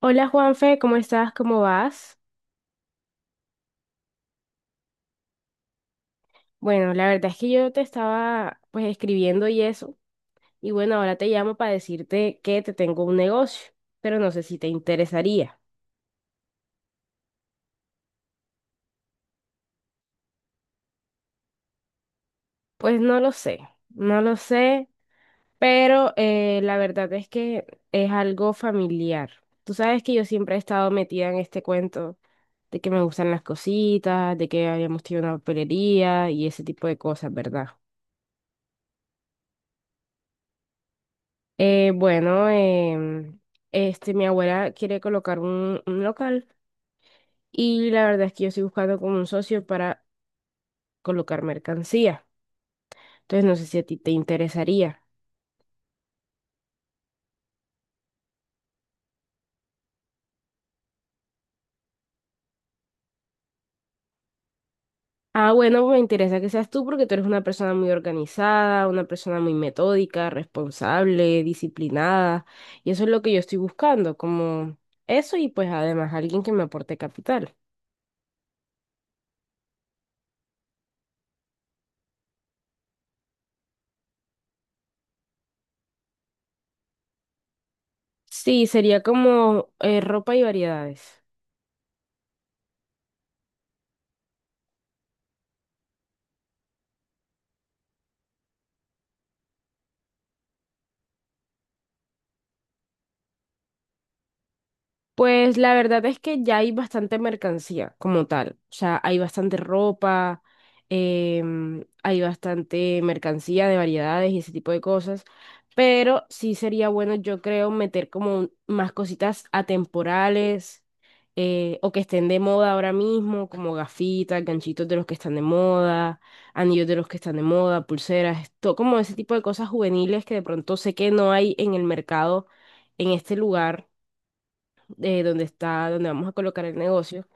Hola Juanfe, ¿cómo estás? ¿Cómo vas? Bueno, la verdad es que yo te estaba pues escribiendo y eso, y bueno, ahora te llamo para decirte que te tengo un negocio, pero no sé si te interesaría. Pues no lo sé, no lo sé, pero la verdad es que es algo familiar. Tú sabes que yo siempre he estado metida en este cuento de que me gustan las cositas, de que habíamos tenido una papelería y ese tipo de cosas, ¿verdad? Bueno, este, mi abuela quiere colocar un local y la verdad es que yo estoy buscando como un socio para colocar mercancía. Entonces no sé si a ti te interesaría. Ah, bueno, me interesa que seas tú porque tú eres una persona muy organizada, una persona muy metódica, responsable, disciplinada. Y eso es lo que yo estoy buscando, como eso y pues además alguien que me aporte capital. Sí, sería como ropa y variedades. Pues la verdad es que ya hay bastante mercancía como tal. O sea, hay bastante ropa, hay bastante mercancía de variedades y ese tipo de cosas. Pero sí sería bueno, yo creo, meter como más cositas atemporales o que estén de moda ahora mismo, como gafitas, ganchitos de los que están de moda, anillos de los que están de moda, pulseras, todo como ese tipo de cosas juveniles que de pronto sé que no hay en el mercado en este lugar donde está, donde vamos a colocar el negocio.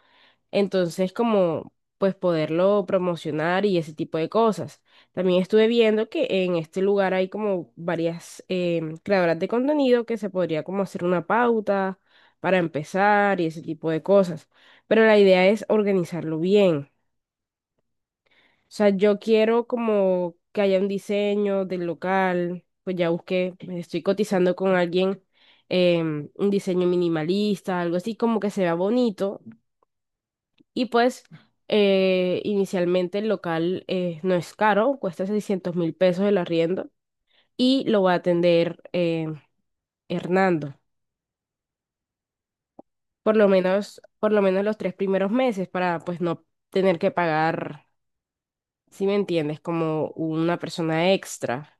Entonces, como pues poderlo promocionar y ese tipo de cosas. También estuve viendo que en este lugar hay como varias creadoras de contenido que se podría como hacer una pauta para empezar y ese tipo de cosas. Pero la idea es organizarlo bien. O sea, yo quiero como que haya un diseño del local, pues ya busqué, estoy cotizando con alguien un diseño minimalista, algo así como que se vea bonito. Y pues inicialmente el local no es caro, cuesta 600.000 pesos el arriendo y lo va a atender Hernando, por lo menos, los tres primeros meses para pues no tener que pagar, si me entiendes, como una persona extra.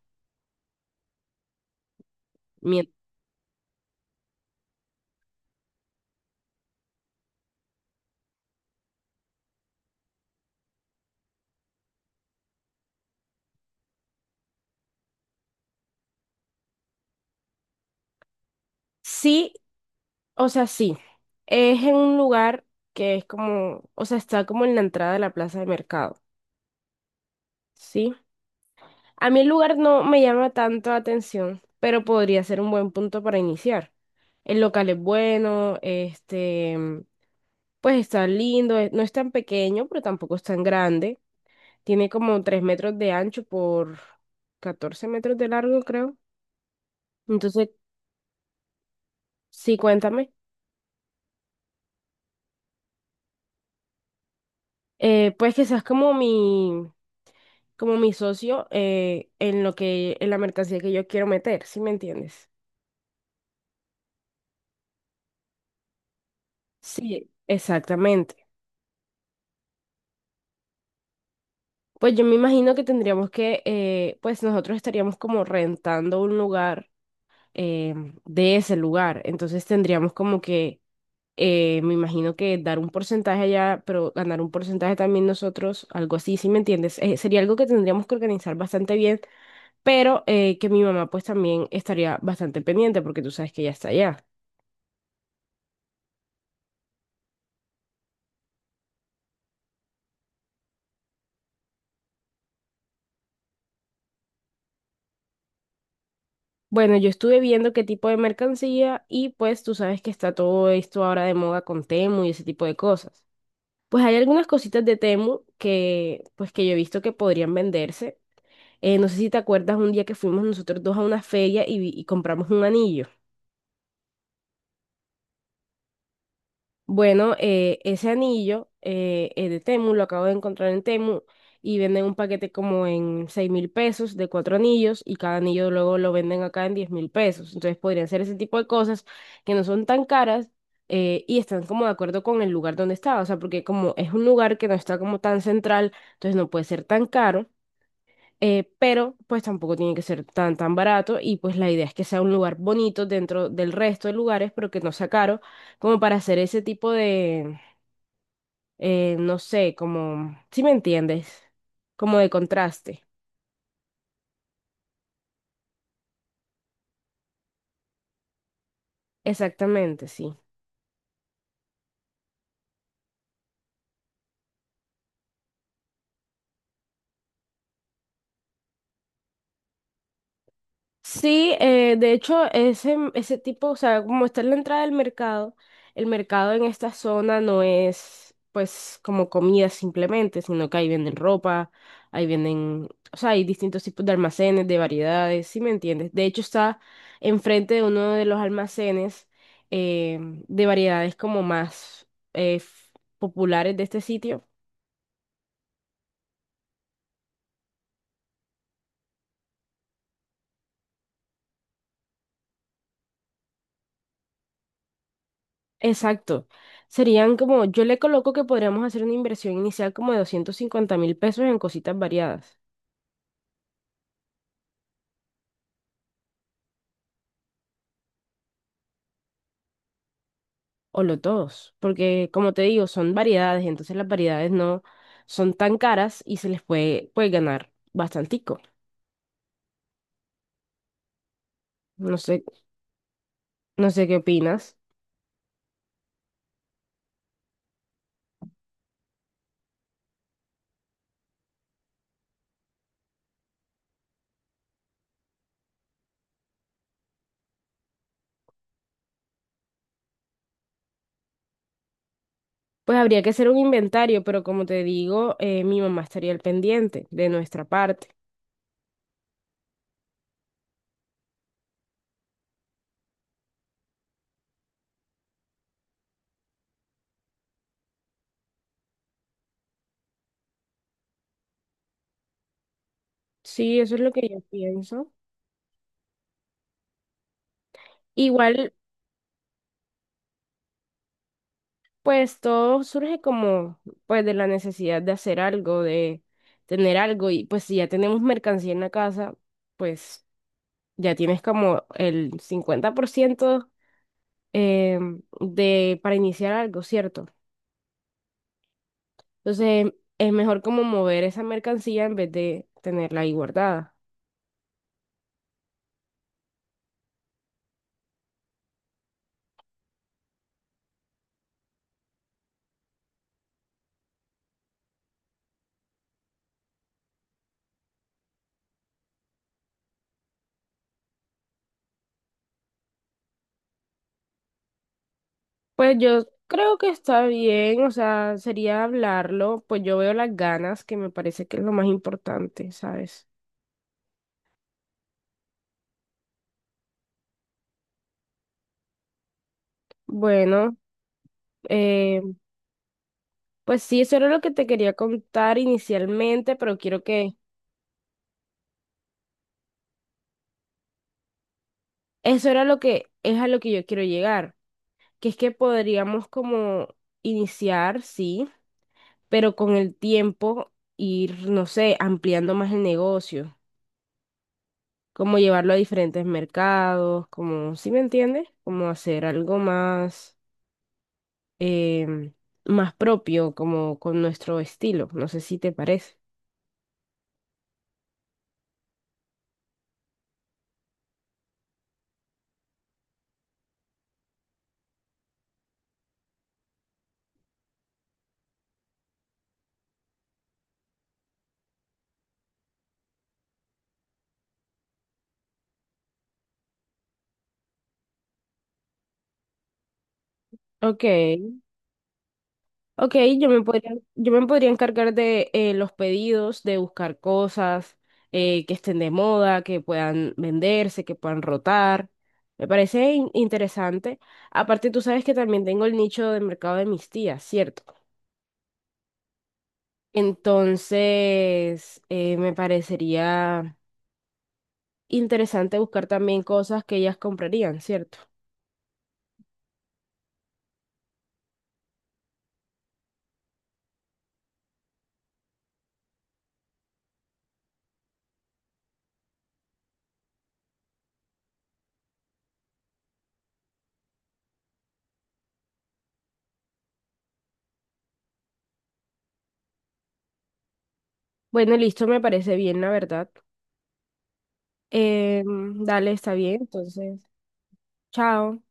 Mien- Sí. O sea, sí, es en un lugar que es como, o sea, está como en la entrada de la plaza de mercado, ¿sí? A mí el lugar no me llama tanto la atención, pero podría ser un buen punto para iniciar. El local es bueno, este, pues está lindo, no es tan pequeño, pero tampoco es tan grande. Tiene como 3 metros de ancho por 14 metros de largo, creo. Entonces, sí, cuéntame. Pues quizás como mi socio en lo que, en la mercancía que yo quiero meter, ¿sí me entiendes? Sí, exactamente. Pues yo me imagino que tendríamos que, pues nosotros estaríamos como rentando un lugar eh, de ese lugar, entonces tendríamos como que, me imagino que dar un porcentaje allá, pero ganar un porcentaje también nosotros, algo así, ¿sí me entiendes? Sería algo que tendríamos que organizar bastante bien, pero que mi mamá pues también estaría bastante pendiente porque tú sabes que ella está allá. Bueno, yo estuve viendo qué tipo de mercancía y pues tú sabes que está todo esto ahora de moda con Temu y ese tipo de cosas. Pues hay algunas cositas de Temu que pues que yo he visto que podrían venderse. No sé si te acuerdas un día que fuimos nosotros dos a una feria y, y compramos un anillo. Bueno, ese anillo es de Temu, lo acabo de encontrar en Temu y venden un paquete como en 6.000 pesos de cuatro anillos y cada anillo luego lo venden acá en 10.000 pesos. Entonces podrían ser ese tipo de cosas que no son tan caras y están como de acuerdo con el lugar donde está. O sea, porque como es un lugar que no está como tan central, entonces no puede ser tan caro pero pues tampoco tiene que ser tan tan barato y pues la idea es que sea un lugar bonito dentro del resto de lugares, pero que no sea caro, como para hacer ese tipo de, no sé, como, ¿si me entiendes? Como de contraste. Exactamente, sí. Sí, de hecho, ese tipo, o sea, como está en la entrada del mercado, el mercado en esta zona no es pues como comida simplemente, sino que ahí venden ropa, ahí venden, o sea, hay distintos tipos de almacenes, de variedades, ¿sí me entiendes? De hecho, está enfrente de uno de los almacenes de variedades como más eh, f- populares de este sitio. Exacto. Serían como, yo le coloco que podríamos hacer una inversión inicial como de 250.000 pesos en cositas variadas o lotos, porque como te digo, son variedades, entonces las variedades no son tan caras y se les puede ganar bastantico. No sé, no sé qué opinas. Pues habría que hacer un inventario, pero como te digo, mi mamá estaría al pendiente de nuestra parte. Sí, eso es lo que yo pienso. Igual. Pues todo surge como pues de la necesidad de hacer algo, de tener algo y pues si ya tenemos mercancía en la casa, pues ya tienes como el 50% de para iniciar algo, ¿cierto? Entonces es mejor como mover esa mercancía en vez de tenerla ahí guardada. Pues yo creo que está bien, o sea, sería hablarlo, pues yo veo las ganas, que me parece que es lo más importante, ¿sabes? Bueno. eh, Pues sí, eso era lo que te quería contar inicialmente, pero quiero que, eso era lo que es a lo que yo quiero llegar, que es que podríamos como iniciar, sí, pero con el tiempo ir, no sé, ampliando más el negocio, como llevarlo a diferentes mercados, como, ¿sí me entiendes? Como hacer algo más, em, más propio, como con nuestro estilo, no sé si te parece. Ok. Ok, yo me podría encargar de los pedidos, de buscar cosas que estén de moda, que puedan venderse, que puedan rotar. Me parece interesante. Aparte, tú sabes que también tengo el nicho de mercado de mis tías, ¿cierto? Entonces, me parecería interesante buscar también cosas que ellas comprarían, ¿cierto? Bueno, listo, me parece bien, la verdad. Dale, está bien, entonces, chao.